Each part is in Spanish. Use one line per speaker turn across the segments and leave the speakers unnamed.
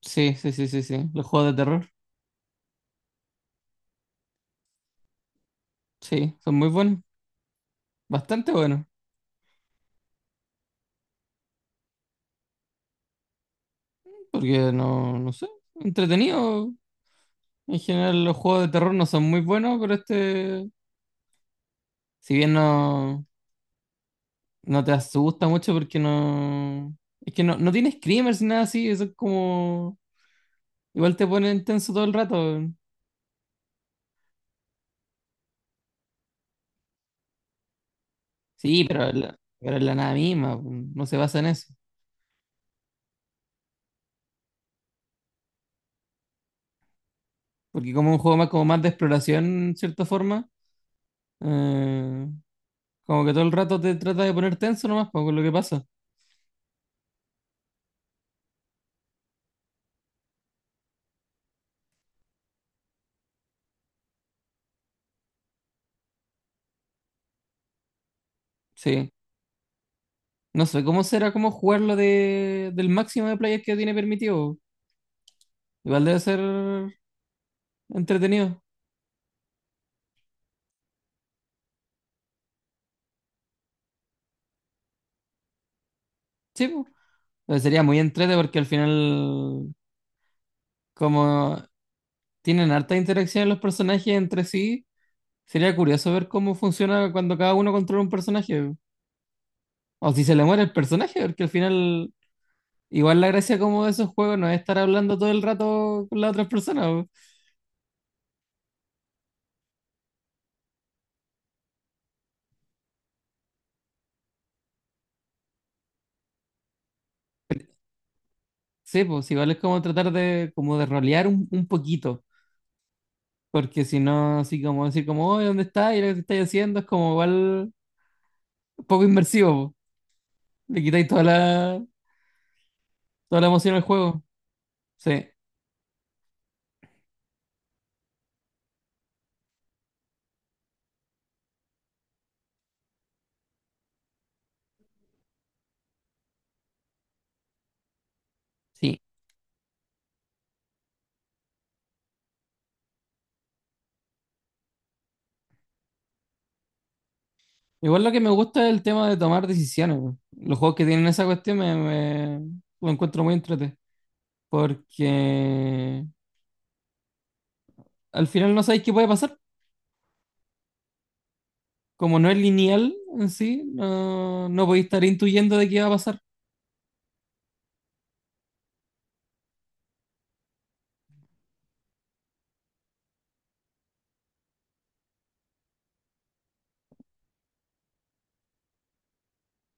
Sí, sí, sí, sí, sí. Los juegos de terror, sí, son muy buenos, bastante buenos, porque no sé, entretenido. En general los juegos de terror no son muy buenos, pero este, si bien no te asusta mucho porque es que no tiene screamers ni nada así, eso es como, igual te ponen tenso todo el rato. Sí, pero pero es la nada misma, no se basa en eso, porque como un juego más, como más de exploración, en cierta forma, eh, como que todo el rato te trata de poner tenso nomás, pues, con lo que pasa. Sí. No sé cómo será como jugarlo del máximo de players que tiene permitido. Igual debe ser entretenido. Sí, po. Pero sería muy entretenido porque al final, como tienen harta interacción los personajes entre sí, sería curioso ver cómo funciona cuando cada uno controla un personaje. O si se le muere el personaje, porque al final, igual la gracia como de esos juegos no es estar hablando todo el rato con las otras personas. Po. Sí, pues igual es como tratar de, como de rolear un poquito. Porque si no, así como decir como, oye, ¿dónde está? Y lo que estáis haciendo es como igual poco inmersivo. Po. Le quitáis toda la emoción al juego. Sí, sí. Igual lo que me gusta es el tema de tomar decisiones. Po. Los juegos que tienen esa cuestión lo encuentro muy entrete. Porque al final no sabéis qué puede pasar. Como no es lineal en sí, no podéis estar intuyendo de qué va a pasar.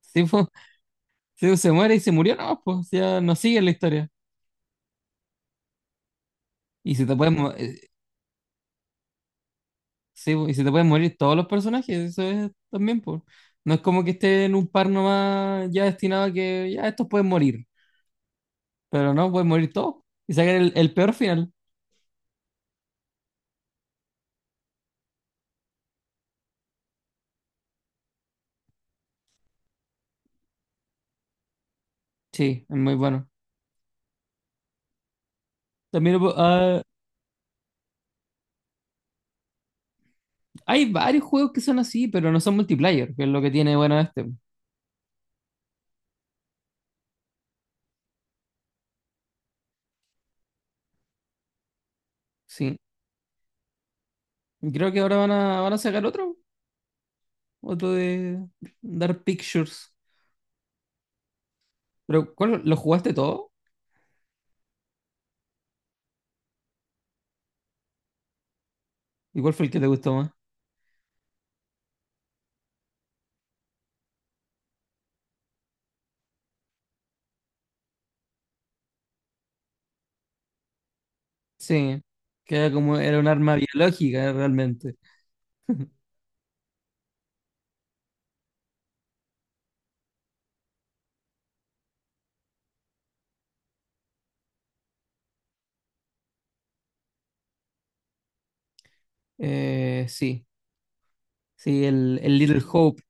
Si, po, si se muere y se murió, no, pues ya no sigue la historia. Y si te puedes, Sí, po, y se te pueden morir todos los personajes, eso es también, por. No es como que esté en un par nomás ya destinado a que ya estos pueden morir, pero no, pueden morir todos y sacar el peor final. Sí, es muy bueno. También lo pu- ah, hay varios juegos que son así, pero no son multiplayer, que es lo que tiene bueno este. Sí, y creo que ahora van a sacar otro de Dark Pictures. Pero, ¿lo jugaste todo? ¿Y cuál fue el que te gustó más? Sí, que era como, era un arma biológica realmente. Sí. Sí, el Little Hope,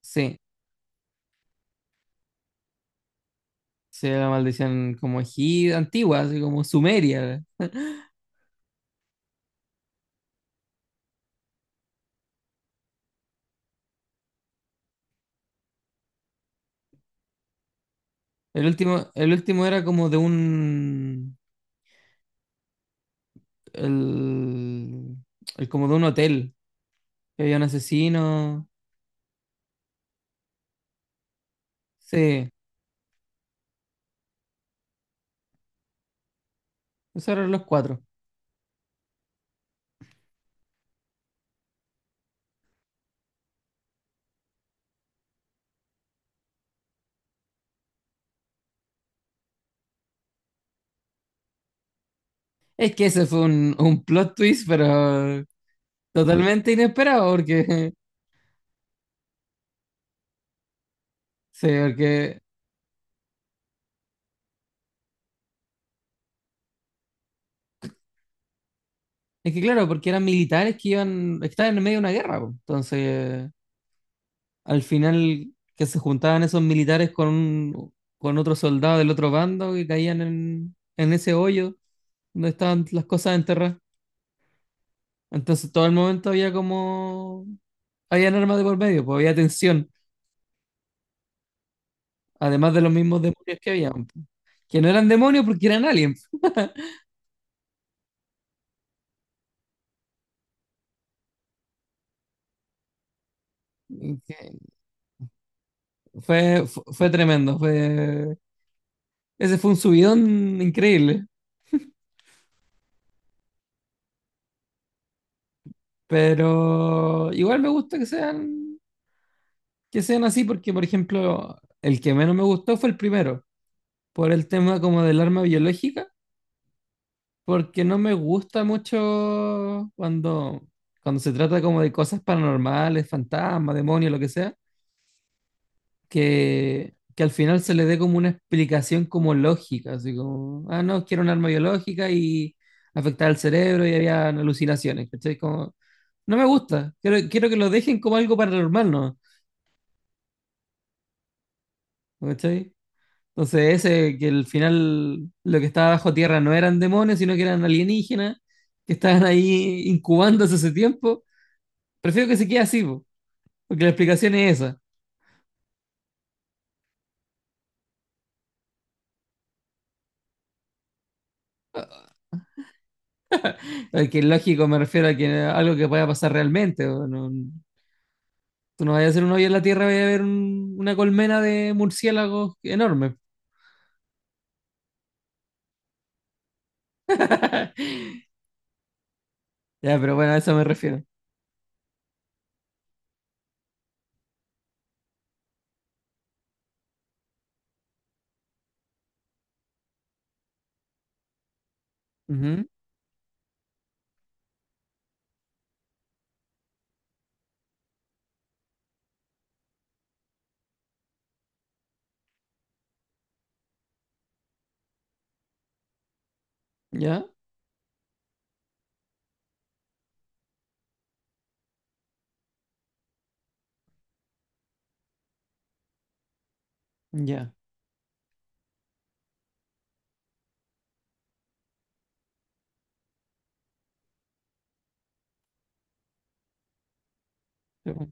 sí, sí, era la maldición como antigua, así como sumeria. El último era como de un, el, el como de un hotel, que había un asesino, sí, esos eran los cuatro. Es que ese fue un plot twist, pero totalmente inesperado, porque, sí, porque, es que claro, porque eran militares que iban, estaban en medio de una guerra, po. Entonces, al final que se juntaban esos militares con, con otro soldado del otro bando y caían en ese hoyo donde estaban las cosas enterradas. Entonces todo el momento había como. Habían armas de por medio, pues había tensión, además de los mismos demonios que habían, pues, que no eran demonios porque eran aliens. Y que fue tremendo, fue. Ese fue un subidón increíble, pero igual me gusta que sean así porque, por ejemplo, el que menos me gustó fue el primero por el tema como del arma biológica, porque no me gusta mucho cuando se trata como de cosas paranormales, fantasmas, demonios, lo que sea, que al final se le dé como una explicación como lógica, así como, no, quiero un arma biológica y afectar al cerebro y había alucinaciones, ¿cachai? Como, no me gusta, quiero que lo dejen como algo paranormal, ¿no? ¿Cachai? Entonces, ese que al final lo que estaba bajo tierra no eran demonios, sino que eran alienígenas que estaban ahí incubándose hace tiempo. Prefiero que se quede así, po, porque la explicación es esa. Que lógico me refiero a que algo que pueda pasar realmente. O no- tú no vayas a hacer un hoyo en la tierra, vaya a ver una colmena de murciélagos enorme. Ya, pero bueno, a eso me refiero. Ujú, ya, ya. Sí, po.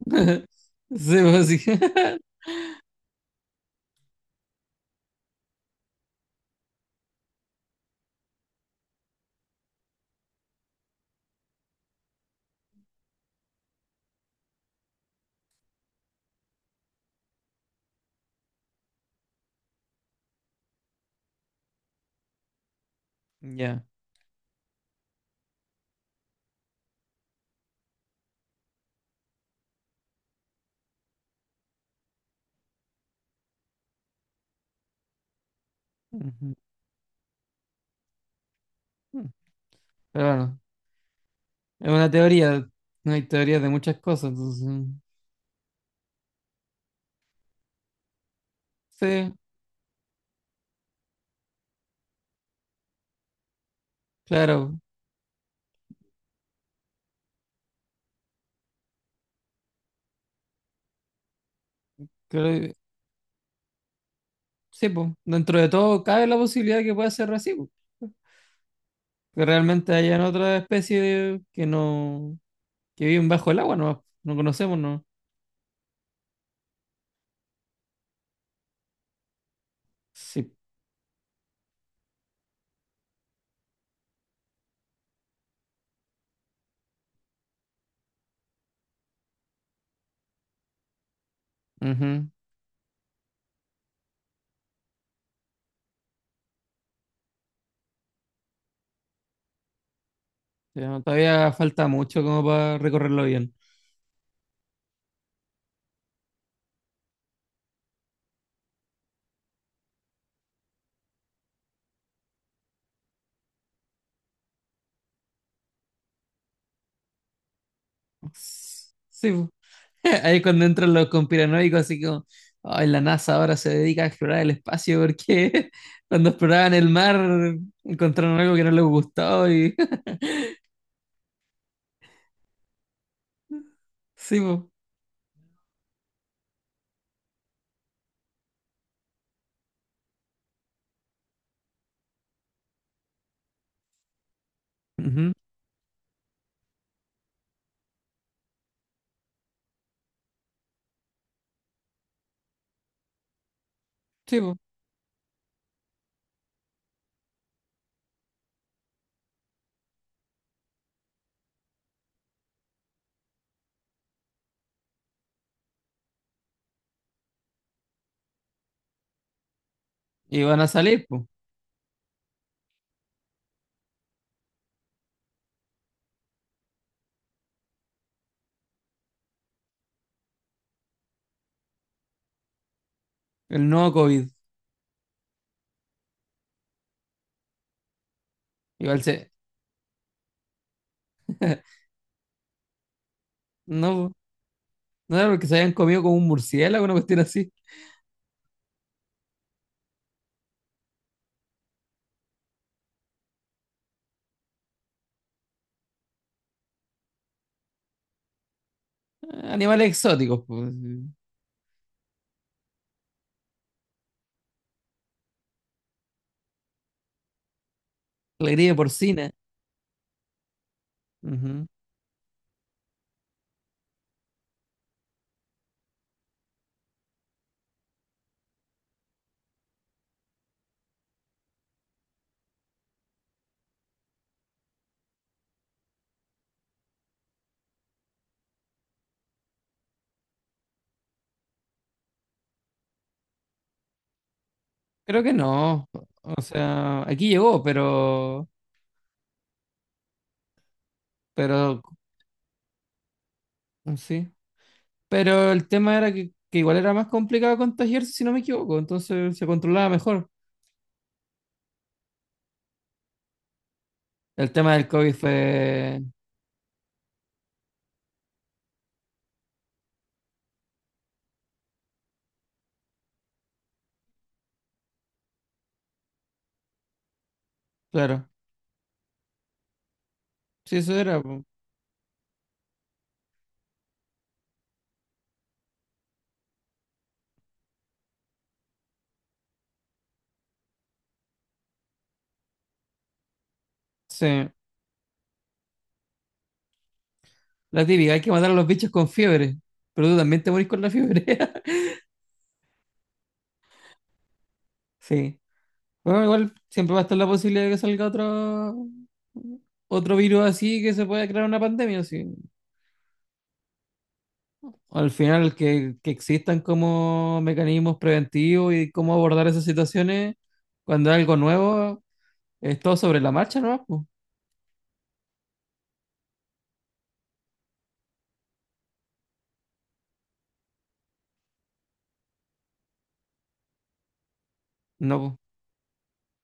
Sí, po, sí. Ya. Ujú. Pero bueno. Es una teoría, no hay teorías de muchas cosas, entonces, sí, claro, creo que- sí, pues, dentro de todo cabe la posibilidad que pueda ser así, po, que realmente hayan otra especie que no, que viven bajo el agua, no conocemos, no, sí, ujú. Ya, todavía falta mucho como para recorrerlo bien. Sí, ahí es cuando entran los conspiranoicos, así como, ay, la NASA ahora se dedica a explorar el espacio porque cuando exploraban el mar encontraron algo que no les gustó y sí, po. Ujú. Sí, po. Y van a salir, po. El nuevo COVID. Igual se. No, po. No era porque se habían comido como un murciélago, una cuestión así. Animales exóticos, pues. La gripe porcina. Ujú. Creo que no. O sea, aquí llegó, pero. Pero. Sí. Pero el tema era que igual era más complicado contagiarse, si no me equivoco, entonces se controlaba mejor. El tema del COVID fue, claro, sí, eso era, po. Sí, la típica, hay que matar a los bichos con fiebre, pero tú también te morís con la fiebre. Sí. Bueno, igual siempre va a estar la posibilidad de que salga otro virus así que se pueda crear una pandemia sí. Al final que existan como mecanismos preventivos y cómo abordar esas situaciones cuando es algo nuevo, es todo sobre la marcha, ¿no? No, po.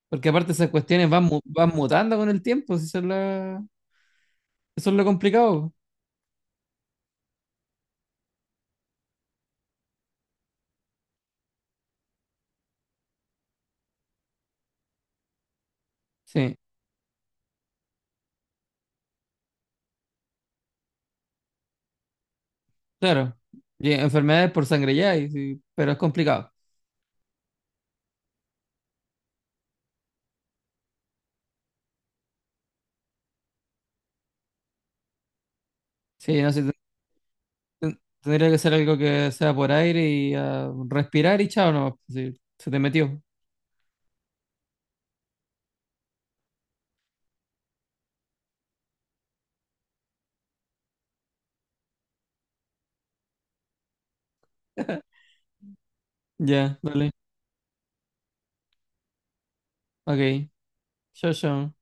Porque aparte esas cuestiones van mutando con el tiempo, si eso es, eso es lo complicado. Po. Sí, claro. Y enfermedades por sangre ya, y sí, pero es complicado. Sí, no sé, tendría que ser algo que sea por aire y respirar y chao, no, se te metió. Ya, dale. Ok. Chao, chao.